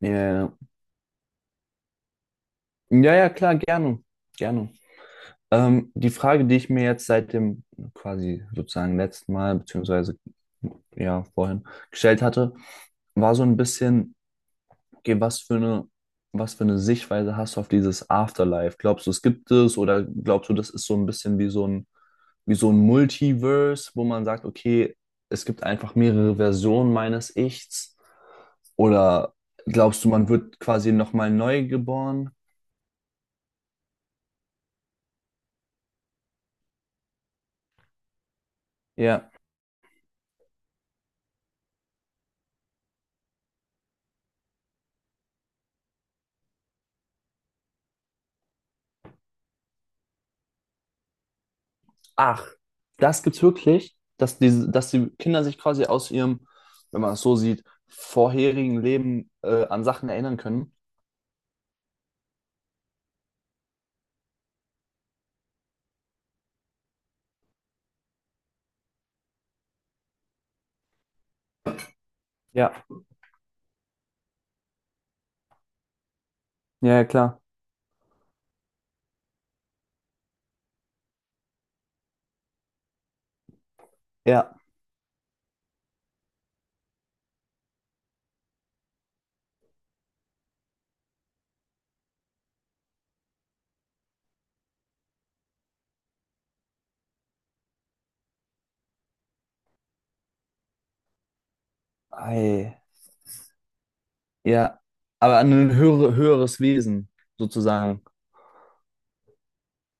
Ja, ja, ja, klar, gerne, gerne. Die Frage, die ich mir jetzt seit dem quasi sozusagen letzten Mal, beziehungsweise ja, vorhin gestellt hatte, war so ein bisschen, okay, was für eine Sichtweise hast du auf dieses Afterlife? Glaubst du, es gibt es, oder glaubst du, das ist so ein bisschen wie so ein Multiverse, wo man sagt, okay, es gibt einfach mehrere Versionen meines Ichs? Oder glaubst du, man wird quasi nochmal neu geboren? Ja. Ach, das gibt's wirklich, dass die Kinder sich quasi aus ihrem, wenn man es so sieht, vorherigen Leben an Sachen erinnern können. Ja, ja, ja, klar. Ja. Ei. Ja. Aber an ein höheres Wesen, sozusagen.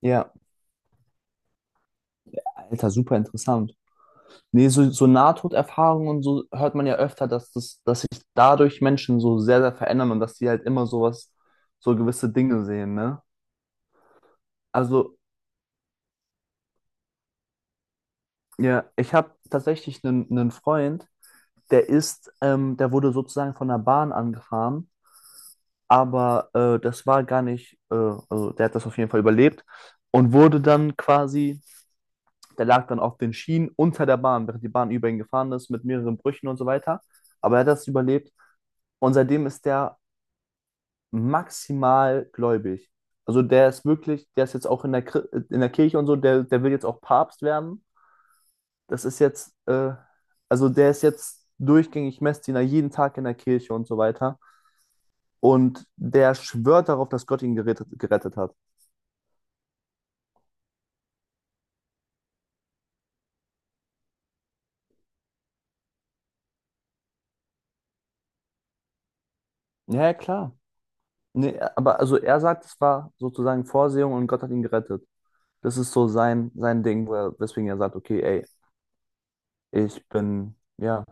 Ja, Alter, super interessant. Nee, so Nahtoderfahrungen und so hört man ja öfter, dass sich dadurch Menschen so sehr, sehr verändern und dass die halt immer sowas, so gewisse Dinge sehen, ne? Also, ja, ich habe tatsächlich einen Freund, der wurde sozusagen von der Bahn angefahren, aber das war gar nicht, also der hat das auf jeden Fall überlebt und wurde dann quasi, der lag dann auf den Schienen unter der Bahn, während die Bahn über ihn gefahren ist, mit mehreren Brüchen und so weiter. Aber er hat das überlebt, und seitdem ist der maximal gläubig. Also der ist wirklich, der ist jetzt auch in der, Kri- in der Kirche und so, der will jetzt auch Papst werden. Das ist jetzt, äh, also der ist jetzt durchgängig Messdiener, jeden Tag in der Kirche und so weiter. Und der schwört darauf, dass Gott ihn gerettet hat. Ja, ja, klar. Nee, aber also er sagt, es war sozusagen Vorsehung, und Gott hat ihn gerettet. Das ist so sein Ding, weswegen er sagt, okay, ey, ich bin, ja,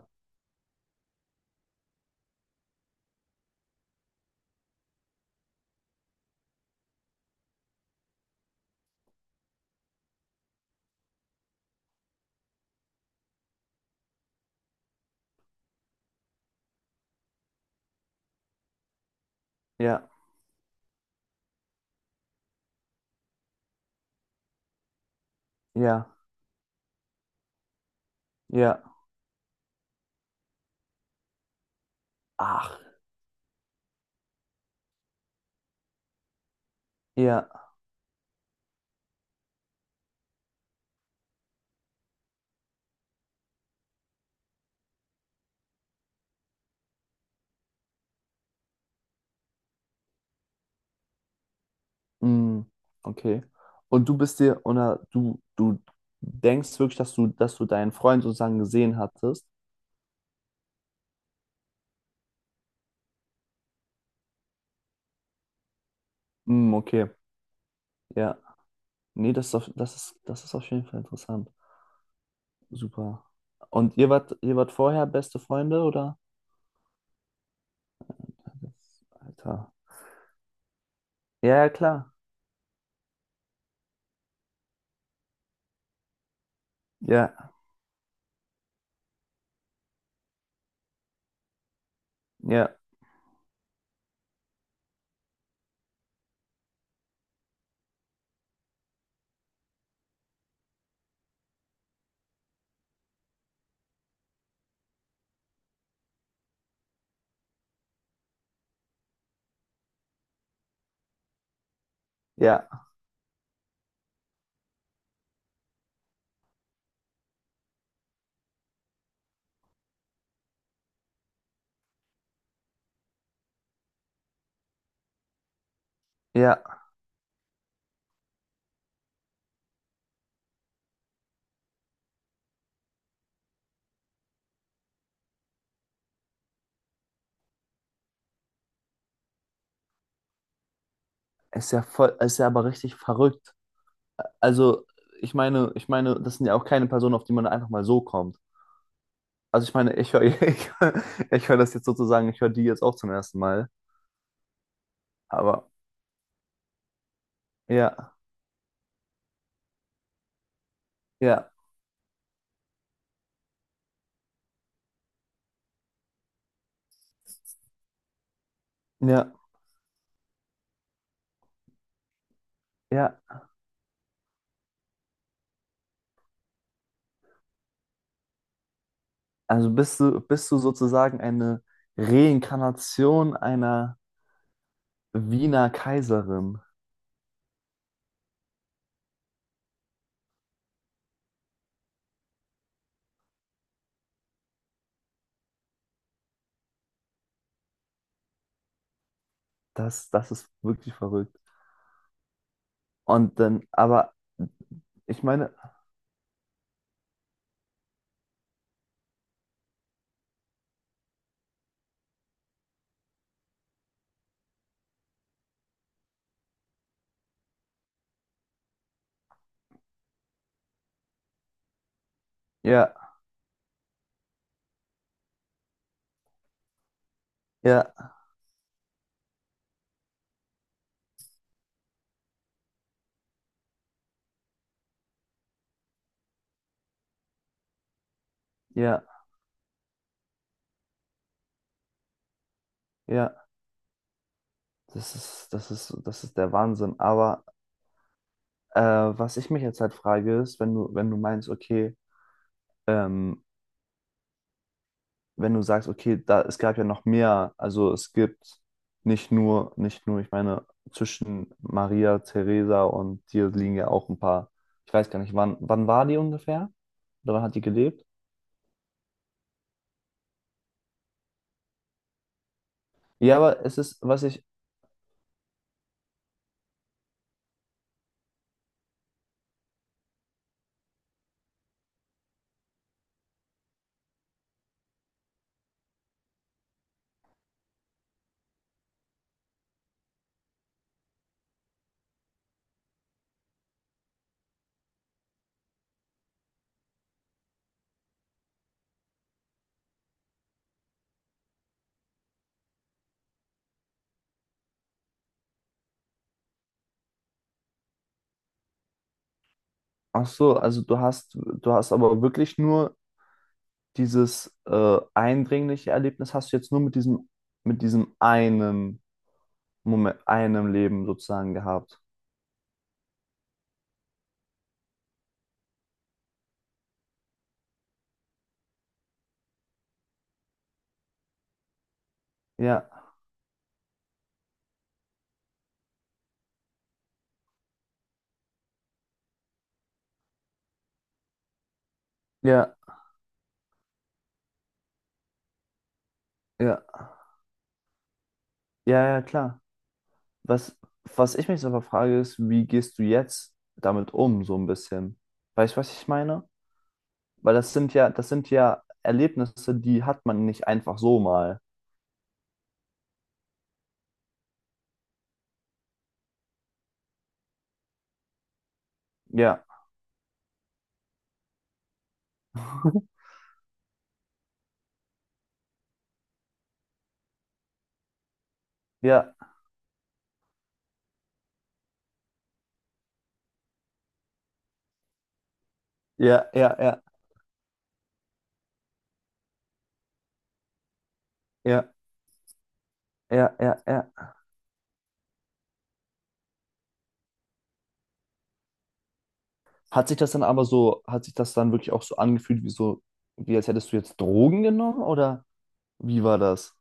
ja, ja, ja, ach, ja, mm, okay. Und du bist dir, oder du denkst wirklich, dass du deinen Freund sozusagen gesehen hattest? Mm, okay, ja. Nee, das ist auf jeden Fall interessant. Super. Und ihr wart vorher beste Freunde, oder? Alter. Ja, ja, klar. Ja, ja, ja, ja. Ist ja aber richtig verrückt. Also, ich meine, das sind ja auch keine Personen, auf die man einfach mal so kommt. Also ich meine, ich höre hör- ich höre das jetzt sozusagen, ich höre die jetzt auch zum ersten Mal. Aber ja, ja, ja, ja. Also bist du sozusagen eine Reinkarnation einer Wiener Kaiserin? Das ist wirklich verrückt. Und dann, aber ich meine, ja, ja, ja, ja, das ist der Wahnsinn. Aber was ich mich jetzt halt frage, ist, wenn du, wenn du meinst, okay, ähm, wenn du sagst, okay, da, es gab ja noch mehr, also es gibt nicht nur, ich meine, zwischen Maria, Theresa und dir liegen ja auch ein paar, ich weiß gar nicht, wann war die ungefähr? Oder wann hat die gelebt? Ja, aber es ist, was ich. Ach so, also du hast aber wirklich nur dieses eindringliche Erlebnis hast du jetzt nur mit diesem, einen Moment, einem Leben sozusagen gehabt. Ja, ja, ja, ja, ja, klar. Was, was ich mich so frage, ist, wie gehst du jetzt damit um, so ein bisschen? Weißt du, was ich meine? Weil das sind ja Erlebnisse, die hat man nicht einfach so mal. Ja, ja, ja, ja, ja, ja, ja, ja, ja, ja. Hat sich das dann wirklich auch so angefühlt, wie als hättest du jetzt Drogen genommen, oder wie war das?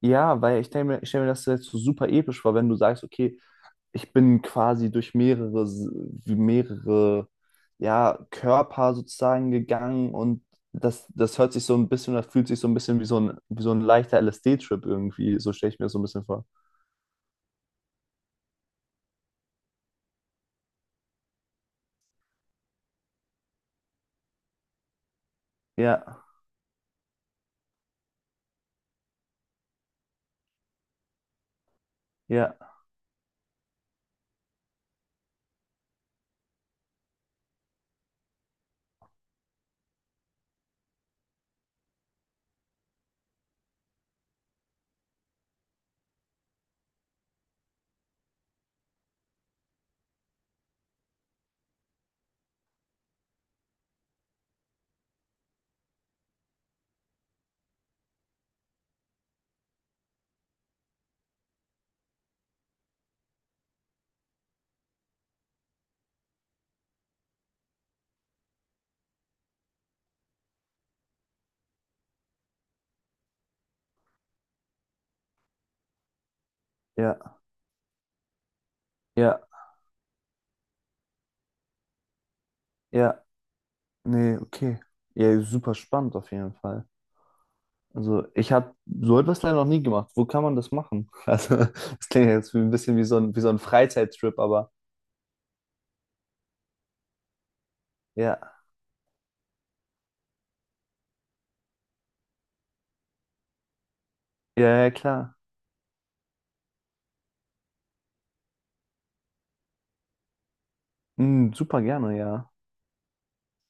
Ja, weil ich denke mir, ich stelle mir das jetzt so super episch vor, wenn du sagst, okay, ich bin quasi durch mehrere, S- wie mehrere, ja, Körper sozusagen gegangen, und das, das hört sich so ein bisschen, das fühlt sich so ein bisschen wie so ein leichter LSD-Trip irgendwie, so stelle ich mir das so ein bisschen vor. Ja, ja, ja, ja, ja, nee, okay. Ja, super spannend auf jeden Fall. Also ich habe so etwas leider noch nie gemacht. Wo kann man das machen? Also das klingt jetzt wie ein bisschen wie so ein Freizeittrip, aber ja, ja, ja, klar. Hm, super gerne, ja.